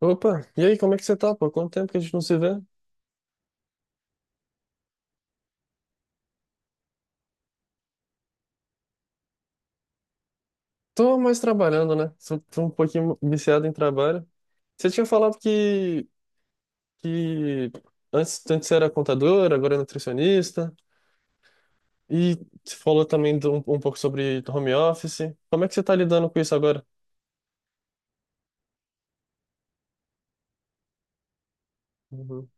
Opa, e aí, como é que você tá, pô? Quanto tempo que a gente não se vê? Tô mais trabalhando, né? Tô um pouquinho viciado em trabalho. Você tinha falado que antes você era contador, agora é nutricionista, e você falou também de um pouco sobre home office. Como é que você tá lidando com isso agora? Uhum.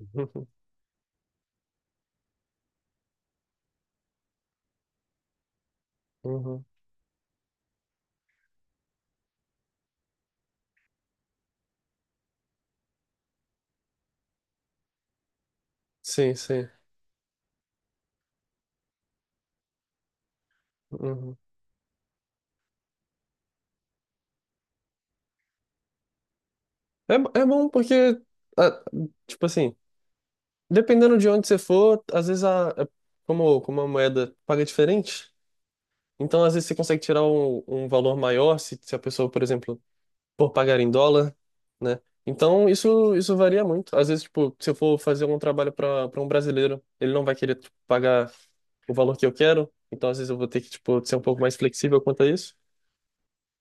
Uhum, uhum. Sim, sim. Uhum. É, é bom porque, ah, tipo assim, dependendo de onde você for, às vezes como, como a moeda paga diferente, então, às vezes, você consegue tirar um valor maior se, se a pessoa, por exemplo, for pagar em dólar, né? Então, isso varia muito. Às vezes, tipo, se eu for fazer um trabalho para um brasileiro, ele não vai querer tipo, pagar o valor que eu quero. Então, às vezes, eu vou ter que, tipo, ser um pouco mais flexível quanto a isso.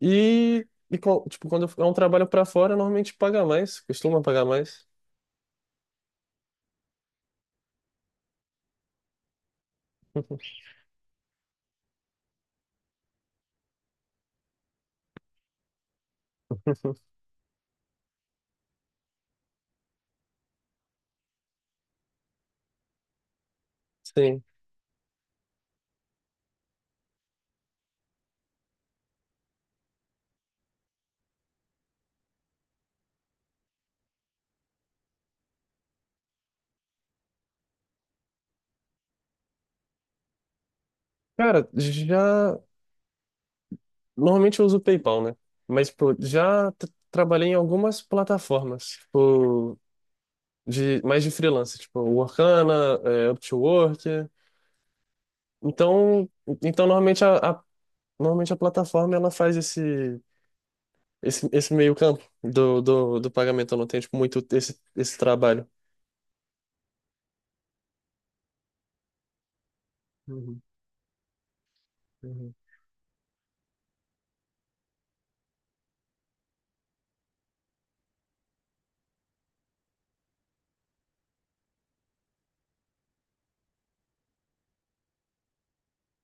E, tipo, quando é um trabalho para fora, normalmente paga mais, costuma pagar mais. Sim. Cara, já. Normalmente eu uso o PayPal, né? Mas, pô, já trabalhei em algumas plataformas. Tipo. De mais de freelancer tipo Workana, é, Upwork. Então, então normalmente normalmente a plataforma ela faz esse, esse meio campo do pagamento, eu não tenho tipo, muito esse trabalho. Uhum, uhum.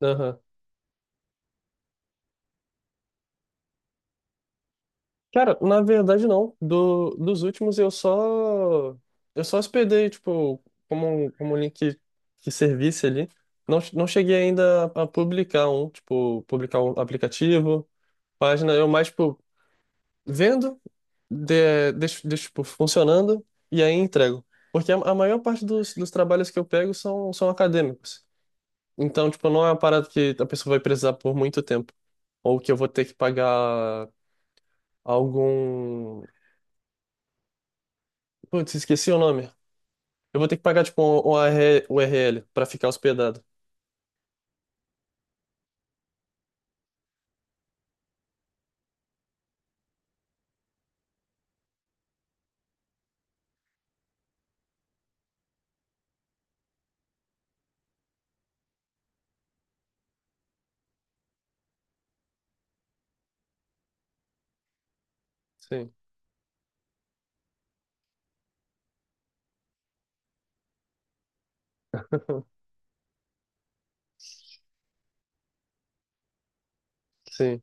Aham. Cara, na verdade não. Dos últimos eu só hospedei, tipo, como como um link que servisse ali. Não, não cheguei ainda a publicar um, tipo, publicar um aplicativo, página, eu mais, tipo, vendo deixo, tipo, funcionando e aí entrego. Porque a maior parte dos trabalhos que eu pego são, são acadêmicos. Então, tipo, não é uma parada que a pessoa vai precisar por muito tempo. Ou que eu vou ter que pagar algum. Putz, esqueci o nome. Eu vou ter que pagar, tipo, um r U R l para ficar hospedado. Sim. Sim.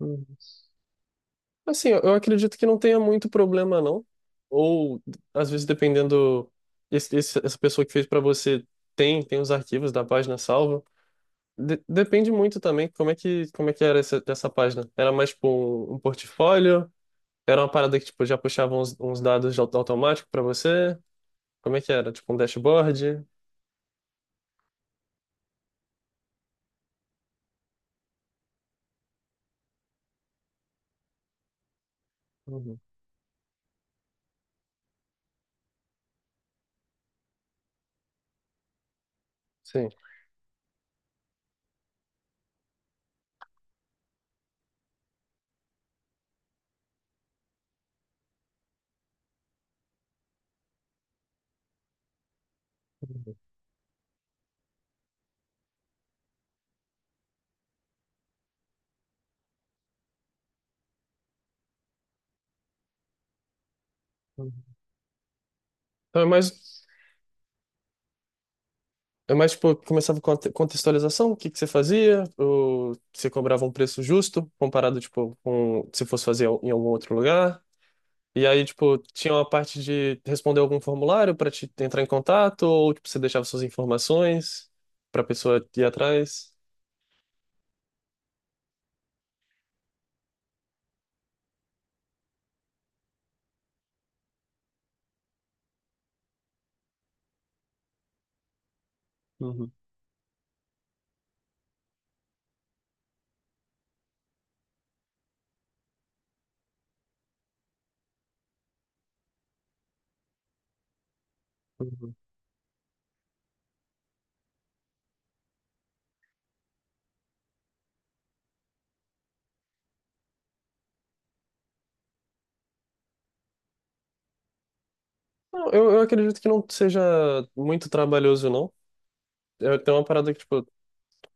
Uhum. Assim, eu acredito que não tenha muito problema, não. Ou, às vezes, dependendo, essa pessoa que fez para você tem, tem os arquivos da página salva. Depende muito também como é que era essa, essa página. Era mais tipo um portfólio? Era uma parada que tipo, já puxava uns dados de automático para você? Como é que era? Tipo um dashboard? Uhum. Sim. Uhum. Uhum. Então é mais tipo, começava com a contextualização, o que que você fazia, ou você cobrava um preço justo comparado tipo com se fosse fazer em algum outro lugar. E aí, tipo, tinha uma parte de responder algum formulário pra te entrar em contato, ou tipo, você deixava suas informações pra pessoa ir atrás? Uhum, uhum. Não, eu acredito que não seja muito trabalhoso, não. Eu tenho uma parada que, tipo,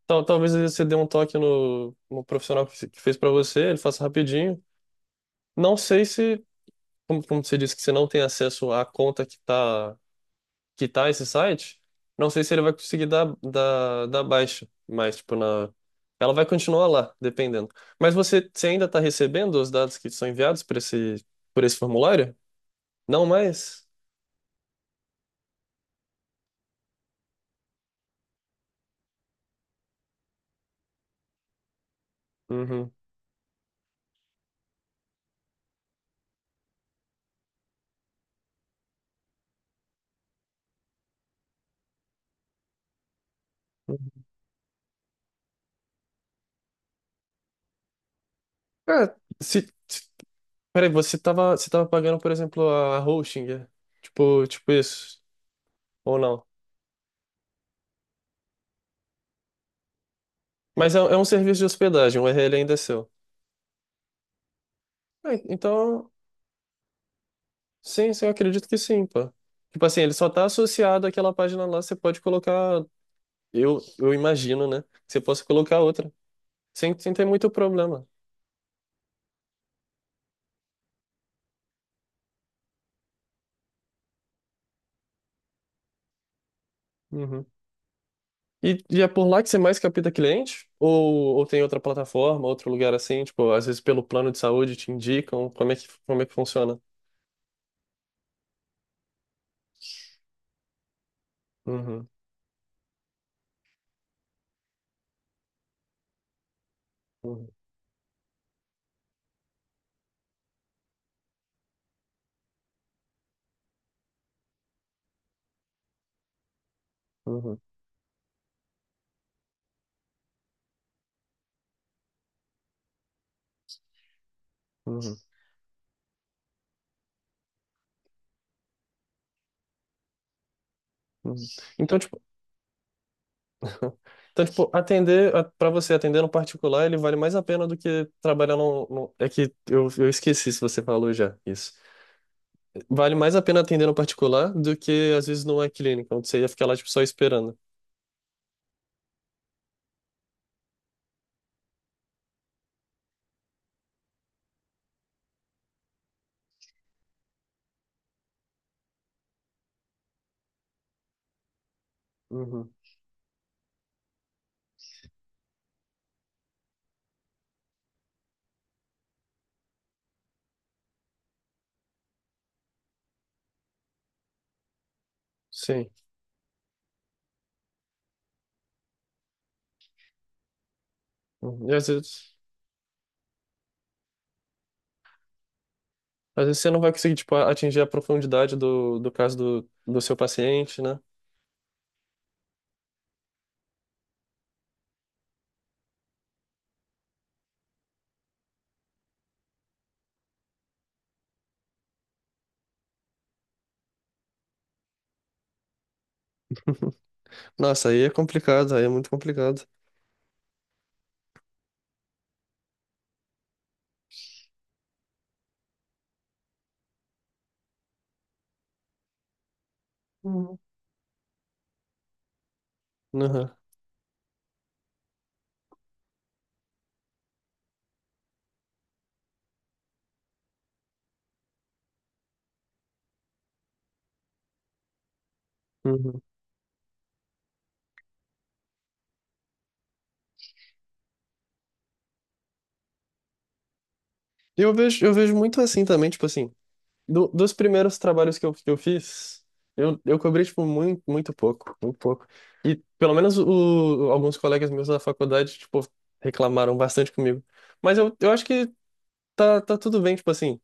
Talvez você dê um toque no profissional que que fez para você, ele faça rapidinho. Não sei se, como, como você disse que você não tem acesso à conta que tá esse site, não sei se ele vai conseguir dar, dar, dar baixa, mas tipo, na, ela vai continuar lá, dependendo. Mas você, você ainda está recebendo os dados que são enviados por esse formulário? Não mais? Uhum. Cara, se, se- peraí, você tava pagando, por exemplo, a hosting, é? Tipo, tipo isso, ou não? Mas é, é um serviço de hospedagem, o URL ainda é seu. É, então, sim, sim, eu acredito que sim, pô. Tipo assim, ele só tá associado àquela página lá, você pode colocar, eu imagino, né? Que você possa colocar outra, sem, sem ter muito problema. Uhum. E é por lá que você mais capta cliente? Ou tem outra plataforma, outro lugar assim? Tipo, às vezes pelo plano de saúde te indicam como é que funciona? Uhum, uhum, uhum, uhum, uhum. Então, tipo, então, tipo, atender, para você atender no particular, ele vale mais a pena do que trabalhar é que eu esqueci se você falou já isso. Vale mais a pena atender no particular do que, às vezes, numa clínica, onde você ia ficar lá, tipo, só esperando. Uhum. Sim. Uhum. E às vezes você não vai conseguir, tipo, atingir a profundidade do caso do seu paciente, né? Nossa, aí é complicado, aí é muito complicado. Uhum. Uhum. Uhum. E eu vejo, eu vejo muito assim também, tipo assim. Dos primeiros trabalhos que eu fiz, eu cobri, tipo, muito, muito pouco, muito pouco. E pelo menos o, alguns colegas meus da faculdade, tipo, reclamaram bastante comigo. Mas eu acho que tá, tá tudo bem, tipo assim,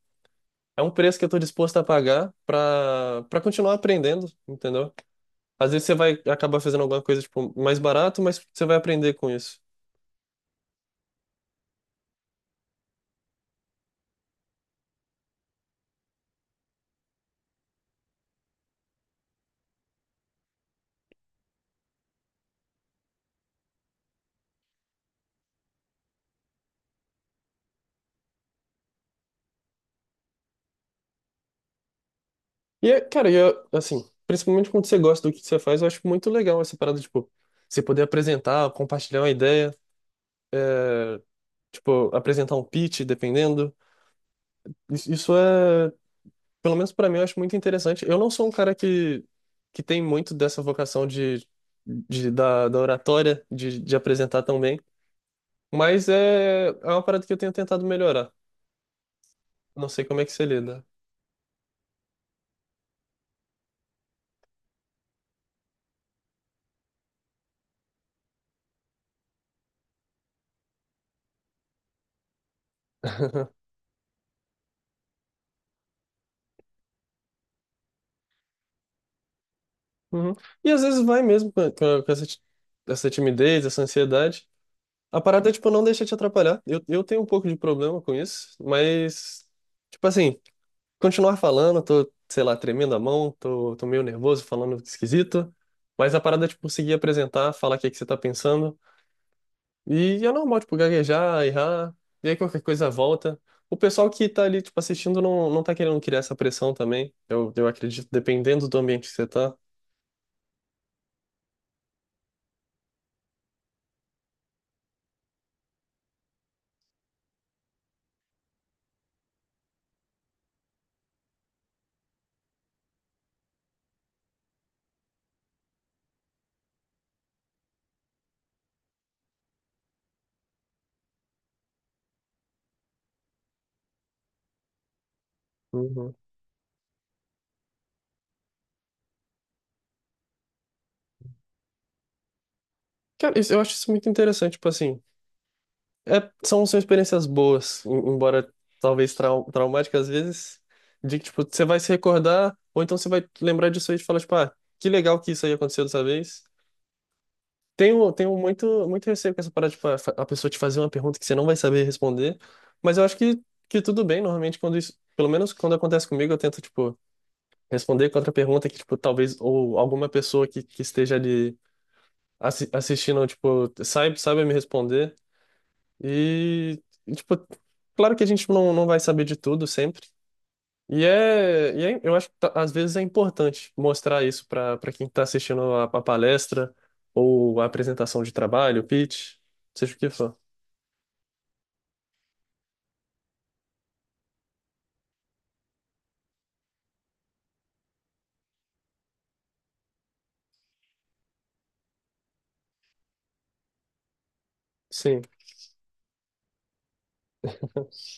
é um preço que eu tô disposto a pagar pra, pra continuar aprendendo, entendeu? Às vezes você vai acabar fazendo alguma coisa, tipo, mais barato, mas você vai aprender com isso. Cara, e eu, assim, principalmente quando você gosta do que você faz, eu acho muito legal essa parada, tipo, você poder apresentar, compartilhar uma ideia. É, tipo, apresentar um pitch, dependendo. Isso é, pelo menos pra mim, eu acho muito interessante. Eu não sou um cara que tem muito dessa vocação de, da oratória, de apresentar tão bem, mas é, é uma parada que eu tenho tentado melhorar. Não sei como é que você lida. Uhum. E às vezes vai mesmo com, com essa, essa timidez, essa ansiedade. A parada, é, tipo, não deixa te atrapalhar. Eu tenho um pouco de problema com isso, mas, tipo assim. Continuar falando, tô, sei lá, tremendo a mão, tô, tô meio nervoso, falando esquisito, mas a parada é, tipo, conseguir apresentar, falar o que é que você tá pensando, e é normal, tipo, gaguejar, errar, e aí qualquer coisa volta. O pessoal que tá ali, tipo, assistindo não, não tá querendo criar essa pressão também, eu acredito, dependendo do ambiente que você tá. Uhum. Cara, eu acho isso muito interessante, tipo assim, são, são experiências boas, embora talvez traumáticas às vezes, de que, tipo, você vai se recordar, ou então você vai lembrar disso aí e falar, tipo, ah, que legal que isso aí aconteceu dessa vez. Tenho, tenho muito, muito receio com essa parada, tipo, a pessoa te fazer uma pergunta que você não vai saber responder, mas eu acho que tudo bem, normalmente, quando isso, pelo menos quando acontece comigo, eu tento, tipo, responder com outra pergunta que, tipo, talvez, ou alguma pessoa que esteja ali assistindo, tipo, saiba, saiba me responder. E, tipo, claro que a gente não, não vai saber de tudo sempre. Eu acho que às vezes é importante mostrar isso para quem está assistindo a palestra ou a apresentação de trabalho, pitch, seja o que for. Sim.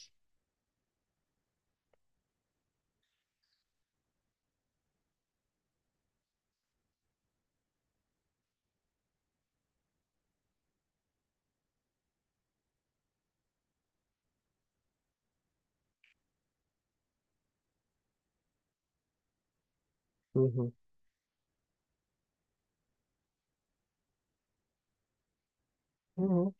Uhum. Uhum.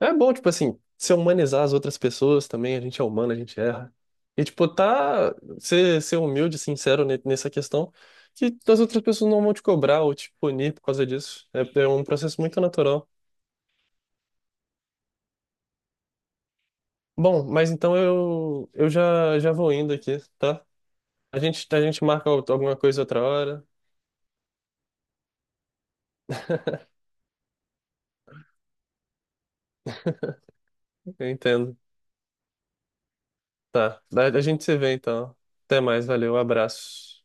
É bom, tipo assim, se humanizar as outras pessoas também, a gente é humano, a gente erra. E, tipo, tá, ser, ser humilde, sincero nessa questão, que as outras pessoas não vão te cobrar ou te punir por causa disso. É, é um processo muito natural. Bom, mas então eu já, já vou indo aqui, tá? A gente marca alguma coisa outra hora. Eu entendo. Tá. A gente se vê então. Até mais, valeu, abraço.